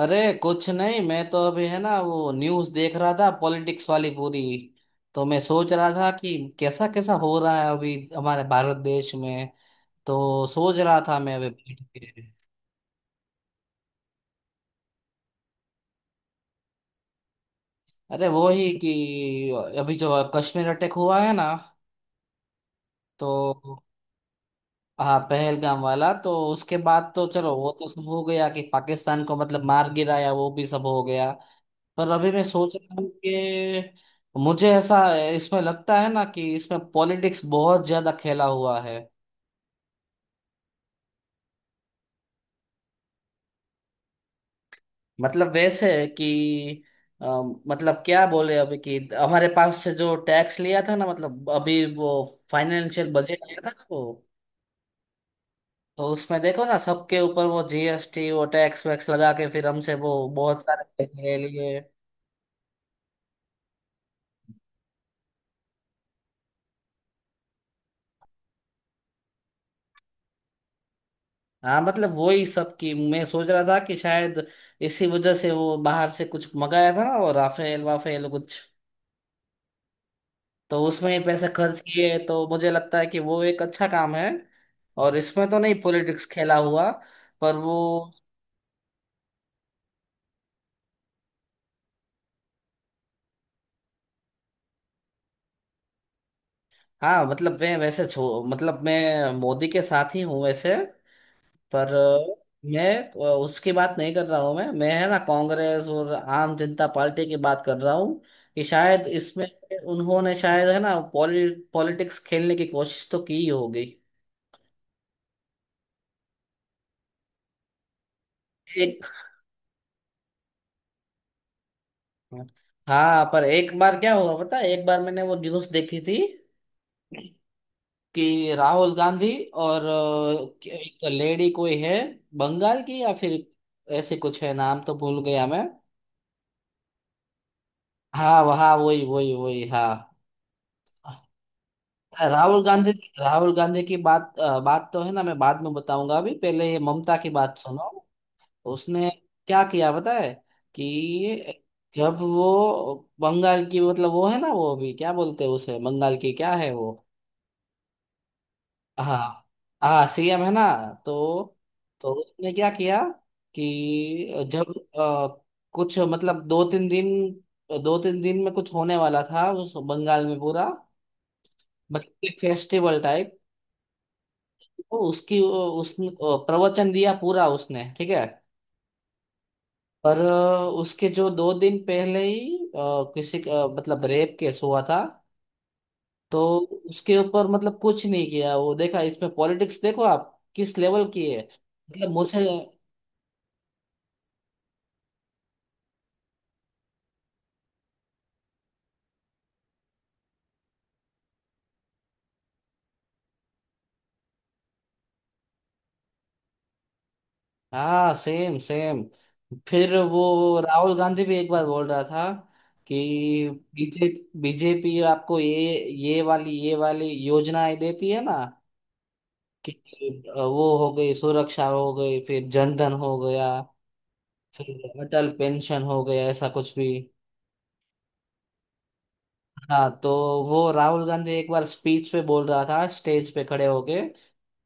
अरे, कुछ नहीं, मैं तो अभी है ना वो न्यूज़ देख रहा था, पॉलिटिक्स वाली पूरी। तो मैं सोच रहा था कि कैसा कैसा हो रहा है अभी हमारे भारत देश में। तो सोच रहा था मैं अभी बैठ के। अरे वो ही कि अभी जो कश्मीर अटैक हुआ है ना, तो हाँ, पहलगाम वाला। तो उसके बाद तो चलो वो तो सब हो गया कि पाकिस्तान को मतलब मार गिराया, वो भी सब हो गया। पर अभी मैं सोच रहा हूँ कि मुझे ऐसा इसमें लगता है ना कि इसमें पॉलिटिक्स बहुत ज्यादा खेला हुआ है। मतलब वैसे है कि अ, मतलब क्या बोले अभी, कि हमारे पास से जो टैक्स लिया था ना, मतलब अभी वो फाइनेंशियल बजट आया था ना वो। तो उसमें देखो ना, सबके ऊपर वो जीएसटी, वो टैक्स वैक्स लगा के फिर हमसे वो बहुत सारे पैसे ले लिए। हाँ, मतलब वही सब की मैं सोच रहा था कि शायद इसी वजह से वो बाहर से कुछ मंगाया था ना, वो राफेल वाफेल कुछ। तो उसमें ही पैसे खर्च किए, तो मुझे लगता है कि वो एक अच्छा काम है। और इसमें तो नहीं पॉलिटिक्स खेला हुआ, पर वो। हाँ, मतलब मैं वैसे छो मतलब मैं मोदी के साथ ही हूँ वैसे। पर मैं अ, उसकी बात नहीं कर रहा हूँ, मैं है ना कांग्रेस और आम जनता पार्टी की बात कर रहा हूँ कि शायद इसमें उन्होंने शायद है ना पॉलिटिक्स खेलने की कोशिश तो की ही होगी। एक हाँ, पर एक बार क्या हुआ पता है? एक बार मैंने वो न्यूज़ देखी थी कि राहुल गांधी और एक तो लेडी कोई है, बंगाल की या फिर ऐसे कुछ है, नाम तो भूल गया मैं। हाँ वहाँ, वही वही वही, हाँ। राहुल गांधी राहुल गांधी की बात बात तो है ना, मैं बाद में बताऊंगा, अभी पहले ये ममता की बात सुनो। उसने क्या किया पता है? कि जब वो बंगाल की मतलब, वो है ना, वो अभी क्या बोलते हैं उसे, बंगाल की क्या है वो, हाँ हाँ सीएम है ना। तो तो उसने क्या किया कि जब अ, कुछ मतलब, दो तीन दिन में कुछ होने वाला था उस बंगाल में, पूरा मतलब कि फेस्टिवल टाइप। तो उसकी उसने प्रवचन दिया पूरा, उसने ठीक है। पर उसके जो दो दिन पहले ही किसी का मतलब रेप केस हुआ था। तो उसके ऊपर मतलब कुछ नहीं किया वो, देखा इसमें पॉलिटिक्स, देखो आप किस लेवल की है। मतलब मुझे, हाँ सेम सेम। फिर वो राहुल गांधी भी एक बार बोल रहा था कि बीजे बीजेपी आपको ये, ये वाली योजनाएं देती है ना, कि वो हो गई सुरक्षा हो गई, फिर जनधन हो गया, फिर अटल पेंशन हो गया, ऐसा कुछ भी। हाँ, तो वो राहुल गांधी एक बार स्पीच पे बोल रहा था स्टेज पे खड़े होके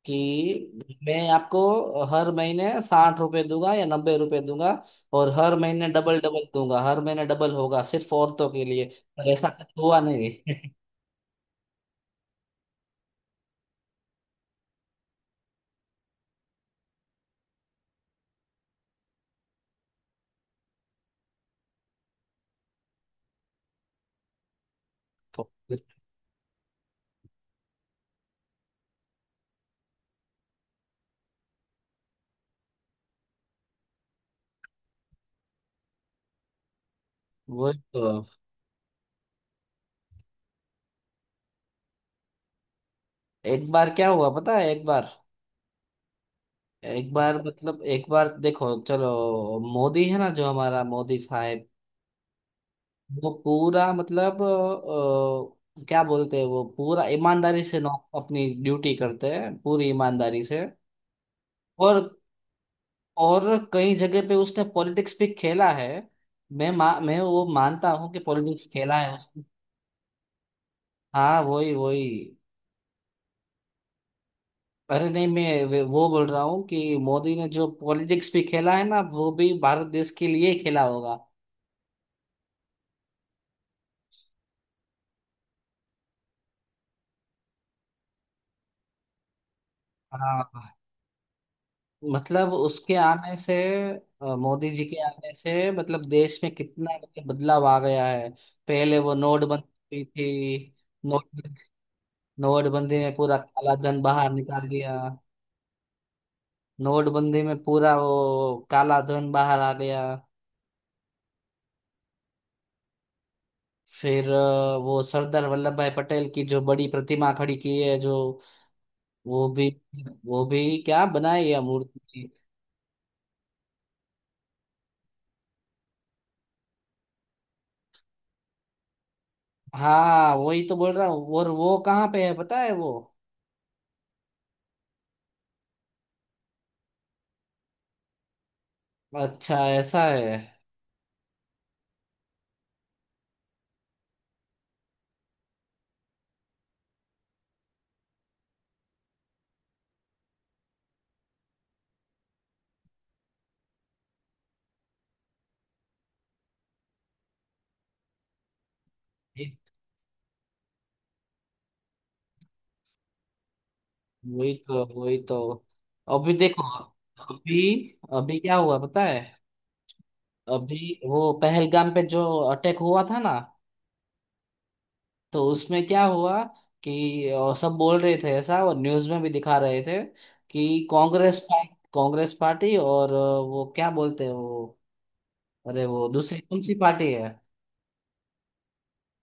कि मैं आपको हर महीने 60 रुपए दूंगा या 90 रुपए दूंगा, और हर महीने डबल डबल दूंगा, हर महीने डबल होगा सिर्फ औरतों के लिए। पर ऐसा कुछ हुआ नहीं। तो वो तो एक बार क्या हुआ पता है? एक बार मतलब एक बार, देखो चलो, मोदी है ना जो हमारा मोदी साहब, वो पूरा मतलब, क्या बोलते हैं वो, पूरा ईमानदारी से नौ अपनी ड्यूटी करते हैं पूरी ईमानदारी से। और और कई जगह पे उसने पॉलिटिक्स भी खेला है। मैं वो मानता हूँ कि पॉलिटिक्स खेला है उसने। हाँ वही वही। अरे नहीं मैं, वो बोल रहा हूँ कि मोदी ने जो पॉलिटिक्स भी खेला है ना वो भी भारत देश के लिए ही खेला होगा। हाँ, मतलब उसके आने से मोदी जी के आने से मतलब देश में कितना मतलब बदलाव आ गया है। पहले वो नोटबंदी हुई थी। नोट नोटबंदी में पूरा काला धन बाहर निकाल दिया। नोटबंदी में पूरा वो काला धन बाहर आ गया। फिर वो सरदार वल्लभ भाई पटेल की जो बड़ी प्रतिमा खड़ी की है जो, वो भी क्या बनाई है मूर्ति। हाँ हाँ, वही तो बोल रहा हूँ, और वो कहाँ पे है पता है वो? अच्छा ऐसा है। वही तो वही तो, अभी देखो, अभी अभी क्या हुआ पता है? अभी वो पहलगाम पे जो अटैक हुआ था ना, तो उसमें क्या हुआ कि सब बोल रहे थे ऐसा, और न्यूज में भी दिखा रहे थे कि कांग्रेस पार्टी और वो क्या बोलते हैं वो, अरे वो दूसरी कौन सी पार्टी है?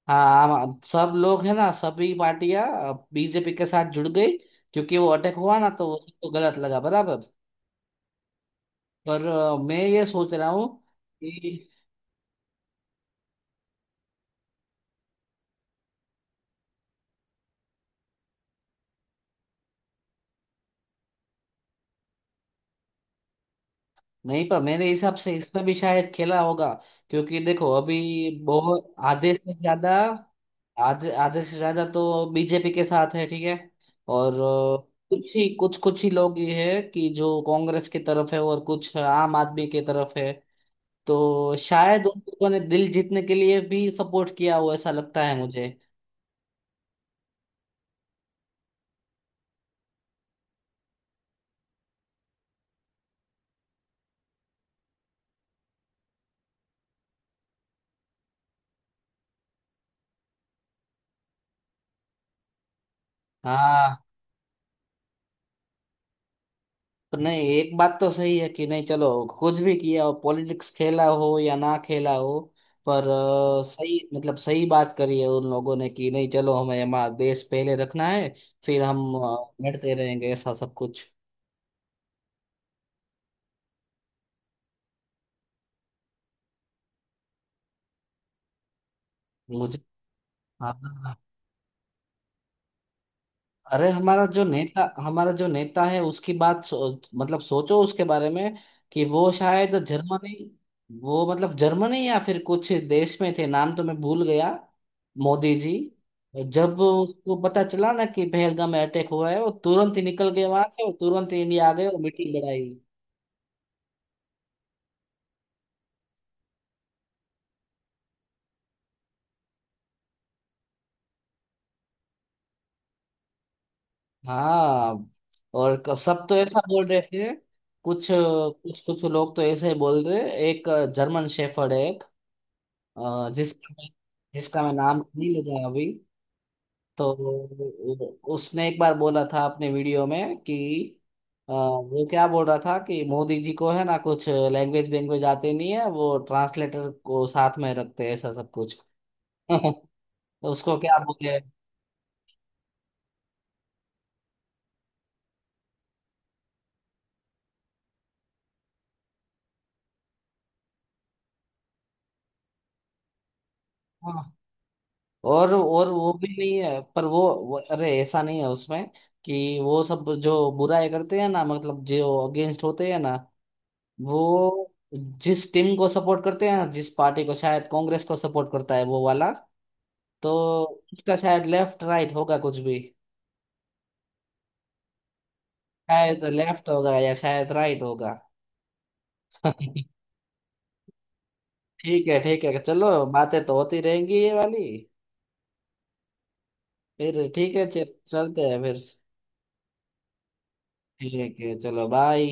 हाँ सब लोग है ना, सभी पार्टियां बीजेपी के साथ जुड़ गई, क्योंकि वो अटैक हुआ ना तो वो सबको गलत लगा बराबर। पर मैं ये सोच रहा हूँ। नहीं पर मेरे हिसाब से इसमें भी शायद खेला होगा, क्योंकि देखो अभी, बहुत आधे से ज्यादा, आधे आधे से ज्यादा तो बीजेपी के साथ है ठीक है। और कुछ ही लोग ये है कि जो कांग्रेस की तरफ है, और कुछ आम आदमी की तरफ है। तो शायद उन लोगों ने दिल जीतने के लिए भी सपोर्ट किया हो, ऐसा लगता है मुझे। हाँ तो, नहीं एक बात तो सही है कि नहीं चलो, कुछ भी किया हो, पॉलिटिक्स खेला हो या ना खेला हो, पर सही, मतलब सही बात करी है उन लोगों ने कि नहीं चलो, हमें हमारा देश पहले रखना है, फिर हम लड़ते रहेंगे ऐसा सब कुछ। मुझे, हाँ। अरे हमारा जो नेता है उसकी बात मतलब सोचो उसके बारे में, कि वो शायद जर्मनी, वो मतलब जर्मनी या फिर कुछ देश में थे, नाम तो मैं भूल गया। मोदी जी, जब उसको पता चला ना कि पहलगाम में अटैक हुआ है, वो तुरंत ही निकल गए वहां से, और तुरंत ही इंडिया आ गए और मीटिंग बढ़ाई। हाँ, और सब तो ऐसा बोल रहे थे, कुछ कुछ कुछ लोग तो ऐसे ही बोल रहे। एक जर्मन शेफर्ड है अ, जिसका मैं जिसका मैं नाम नहीं लूंगा अभी। तो उसने एक बार बोला था अपने वीडियो में कि वो क्या बोल रहा था कि मोदी जी को है ना कुछ लैंग्वेज वैंग्वेज आते नहीं है, वो ट्रांसलेटर को साथ में रखते हैं, ऐसा सब कुछ। तो उसको क्या बोले? हाँ। और वो भी नहीं है, पर वो, अरे ऐसा नहीं है उसमें, कि वो सब जो बुराई करते हैं ना, मतलब जो अगेंस्ट होते हैं ना, वो जिस टीम को सपोर्ट करते हैं, जिस पार्टी को, शायद कांग्रेस को सपोर्ट करता है वो वाला। तो उसका शायद लेफ्ट राइट होगा कुछ भी, शायद लेफ्ट होगा या शायद राइट होगा। ठीक है ठीक है, चलो बातें तो होती रहेंगी ये वाली। फिर ठीक है, चलते हैं फिर। ठीक है चलो, बाय।